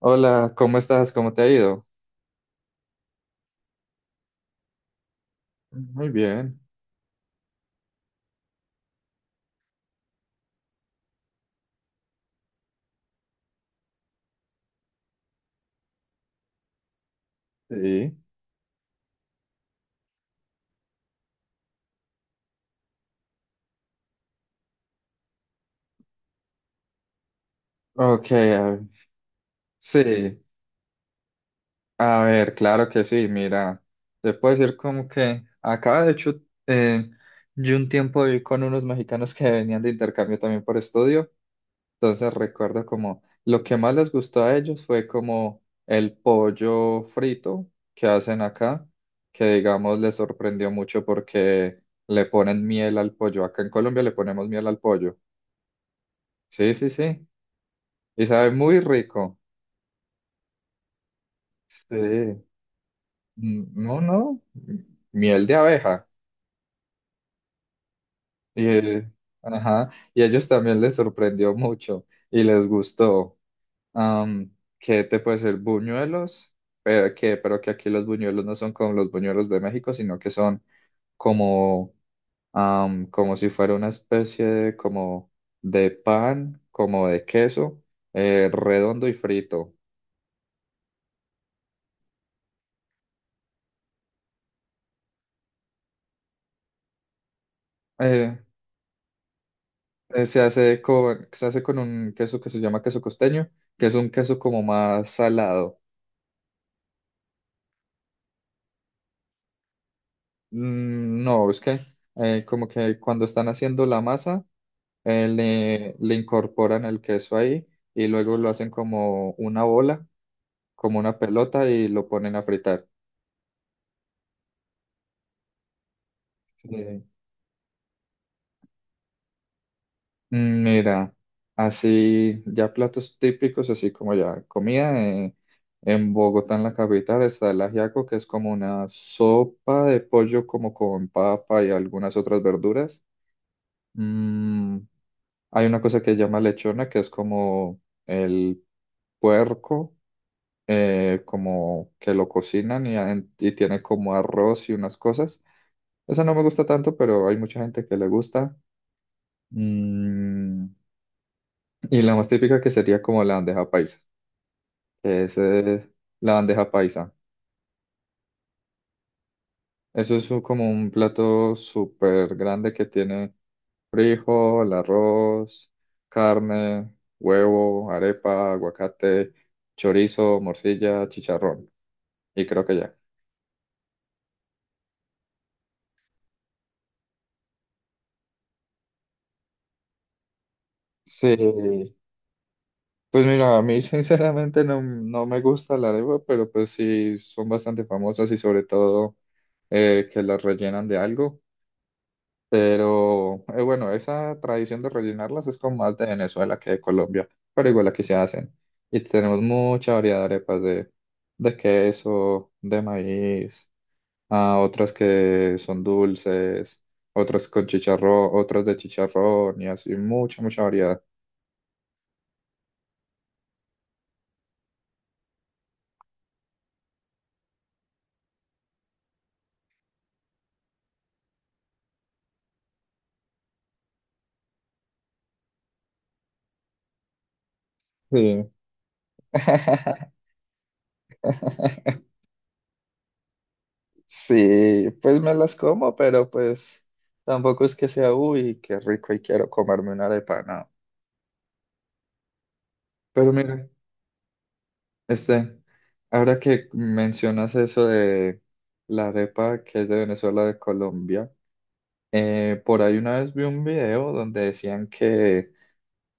Hola, ¿cómo estás? ¿Cómo te ha ido? Muy bien, sí. Ok, a ver, sí, a ver, claro que sí, mira, te puedo decir como que acá de hecho eh, yo un tiempo viví con unos mexicanos que venían de intercambio también por estudio, entonces recuerdo como lo que más les gustó a ellos fue como el pollo frito que hacen acá, que digamos les sorprendió mucho porque le ponen miel al pollo, acá en Colombia le ponemos miel al pollo, sí, sí, sí. Y sabe muy rico. Sí. No, no. m- Miel de abeja. Y, eh, ajá. Y a ellos también les sorprendió mucho y les gustó. Am, ¿Qué te puede ser? Buñuelos. Pero que aquí los buñuelos no son como los buñuelos de México, sino que son como, como si fuera una especie de, como de pan, como de queso, redondo y frito. Eh, se hace se hace con un queso que se llama queso costeño, que es un queso como más salado. No, es que como que cuando están haciendo la masa, le incorporan el queso ahí y luego lo hacen como una bola, como una pelota y lo ponen a fritar. Eh, Mira, así ya platos típicos, así como ya comida en Bogotá, en la capital, está el ajiaco, que es como una sopa de pollo como con papa y algunas otras verduras. Mm, Hay una cosa que se llama lechona, que es como el puerco, como que lo cocinan y tiene como arroz y unas cosas. Esa no me gusta tanto, pero hay mucha gente que le gusta. Mm, Y la más típica que sería como la bandeja paisa, que es la bandeja paisa. Eso es como un plato súper grande que tiene frijol, arroz, carne, huevo, arepa, aguacate, chorizo, morcilla, chicharrón. Y creo que ya. Sí, pues mira, a mí sinceramente no, no me gusta la arepa, pero pues sí son bastante famosas y sobre todo que las rellenan de algo. Pero bueno, esa tradición de rellenarlas es como más de Venezuela que de Colombia, pero igual aquí se hacen. Y tenemos mucha variedad de arepas de queso, de maíz, ah, otras que son dulces, otras con chicharrón, otras de chicharrón y así, mucha, mucha variedad. Sí. Sí, pues me las como, pero pues tampoco es que sea, uy, qué rico y quiero comerme una arepa, no. Pero mira. Este, ahora que mencionas eso de la arepa que es de Venezuela, de Colombia, por ahí una vez vi un video donde decían que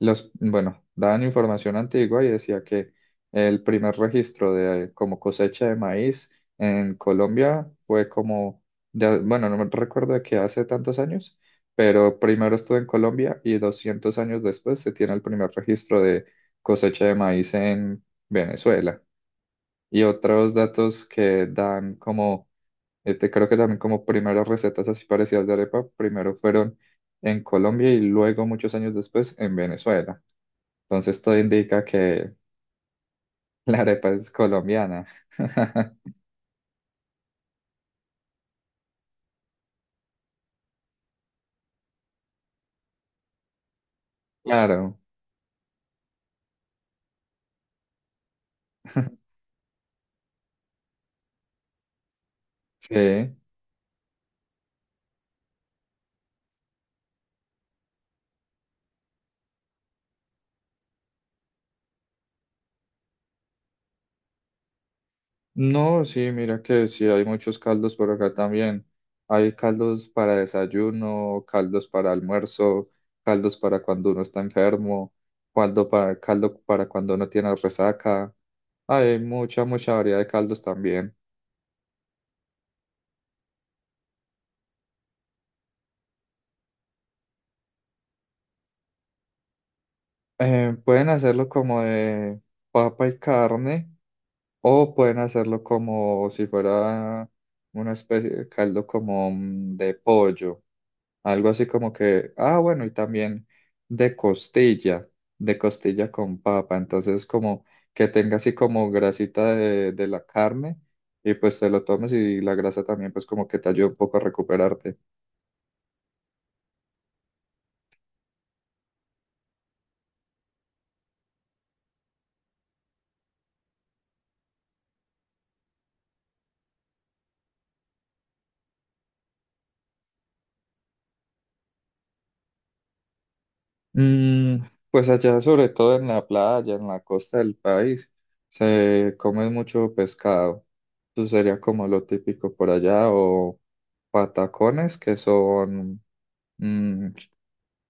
bueno, daban información antigua y decía que el primer registro de como cosecha de maíz en Colombia fue como, de, bueno, no me recuerdo de qué hace tantos años, pero primero estuvo en Colombia y 200 años después se tiene el primer registro de cosecha de maíz en Venezuela y otros datos que dan como, creo que también como primeras recetas así parecidas de arepa, primero fueron en Colombia y luego muchos años después en Venezuela. Entonces todo indica que la arepa es colombiana. Claro. Sí. No, sí, mira que sí, hay muchos caldos por acá también. Hay caldos para desayuno, caldos para almuerzo, caldos para cuando uno está enfermo, caldo para cuando uno tiene resaca. Hay mucha, mucha variedad de caldos también. Pueden hacerlo como de papa y carne o pueden hacerlo como si fuera una especie de caldo como de pollo, algo así como que, ah, bueno, y también de costilla, de costilla con papa, entonces como que tenga así como grasita de la carne y pues te lo tomes y la grasa también pues como que te ayuda un poco a recuperarte. Mm, pues allá, sobre todo en la playa, en la costa del país, se come mucho pescado. Eso sería como lo típico por allá, o patacones, que son, mm,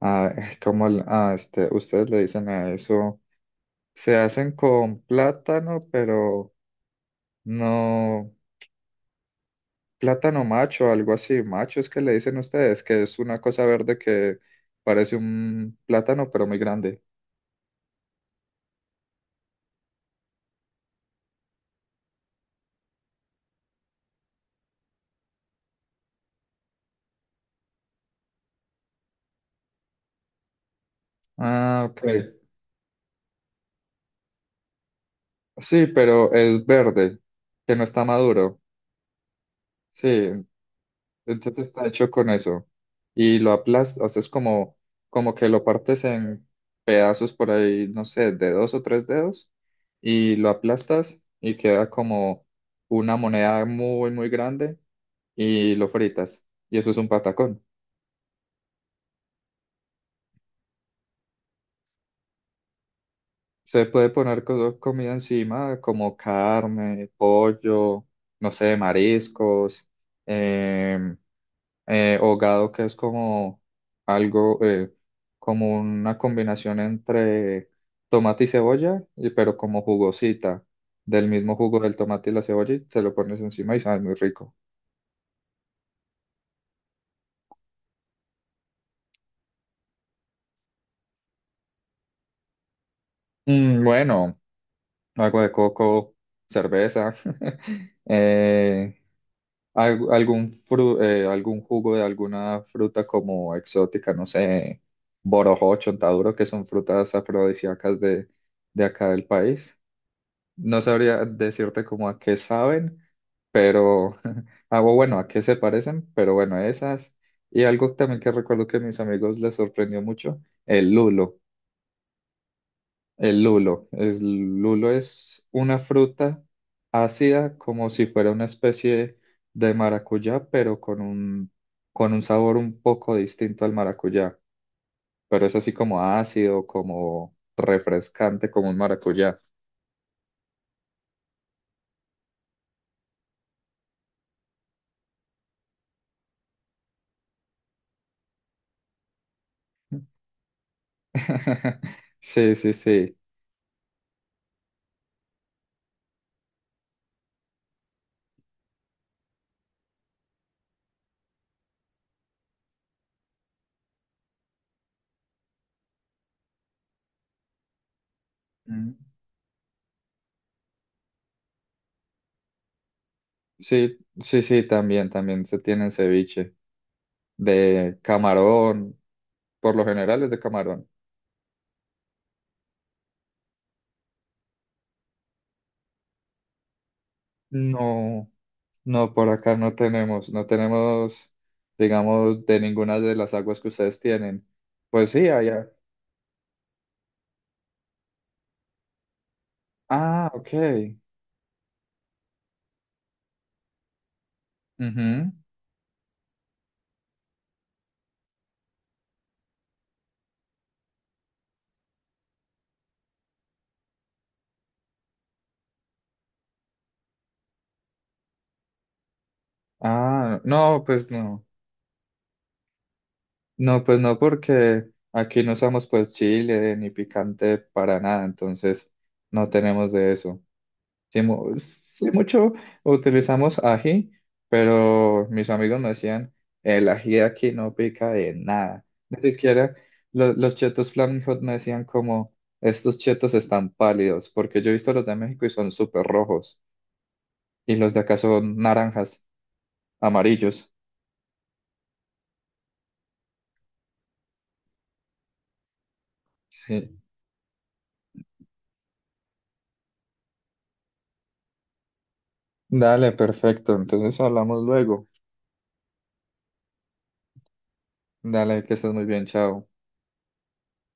como ah, este, ustedes le dicen a eso, se hacen con plátano, pero no, plátano macho, algo así, macho es que le dicen ustedes, que es una cosa verde que parece un plátano, pero muy grande. Ah, ok. Sí, pero es verde, que no está maduro. Sí, entonces está hecho con eso. Y lo aplastas, o sea, es como, como que lo partes en pedazos por ahí, no sé, de dos o tres dedos, y lo aplastas y queda como una moneda muy, muy grande y lo fritas. Y eso es un patacón. Se puede poner comida encima, como carne, pollo, no sé, mariscos. em, o que es como algo, como una combinación entre tomate y cebolla, pero como jugosita, del mismo jugo del tomate y la cebolla, y se lo pones encima y sabe muy rico. Bueno, agua de coco, cerveza, eh, algún, algún jugo de alguna fruta como exótica, no sé, borojó, chontaduro, que son frutas afrodisíacas de acá del país. No sabría decirte como a qué saben, pero hago bueno, a qué se parecen, pero bueno, esas. Y algo también que recuerdo que a mis amigos les sorprendió mucho, el lulo. El lulo. El lulo es una fruta ácida como si fuera una especie de maracuyá, pero con un sabor un poco distinto al maracuyá. Pero es así como ácido, como refrescante, como un maracuyá. Sí, sí, sí. Mm. Sí, sí, sí, también, también se tiene ceviche de camarón, por lo general es de camarón. No, no, por acá no tenemos, no tenemos, digamos, de ninguna de las aguas que ustedes tienen. Pues sí, allá. Ah, ok. Ujú. Ah, no, pues no. No, pues no, porque aquí no usamos pues chile ni picante para nada, entonces no tenemos de eso. Sí, sí, mucho utilizamos ají, pero mis amigos me decían, el ají aquí no pica de nada. Ni siquiera los chetos Flaming Hot, me decían, como, estos chetos están pálidos, porque yo he visto los de México y son súper rojos, y los de acá son naranjas, amarillos. Sí. Dale, perfecto. Entonces hablamos luego. Dale, que estés muy bien, chao.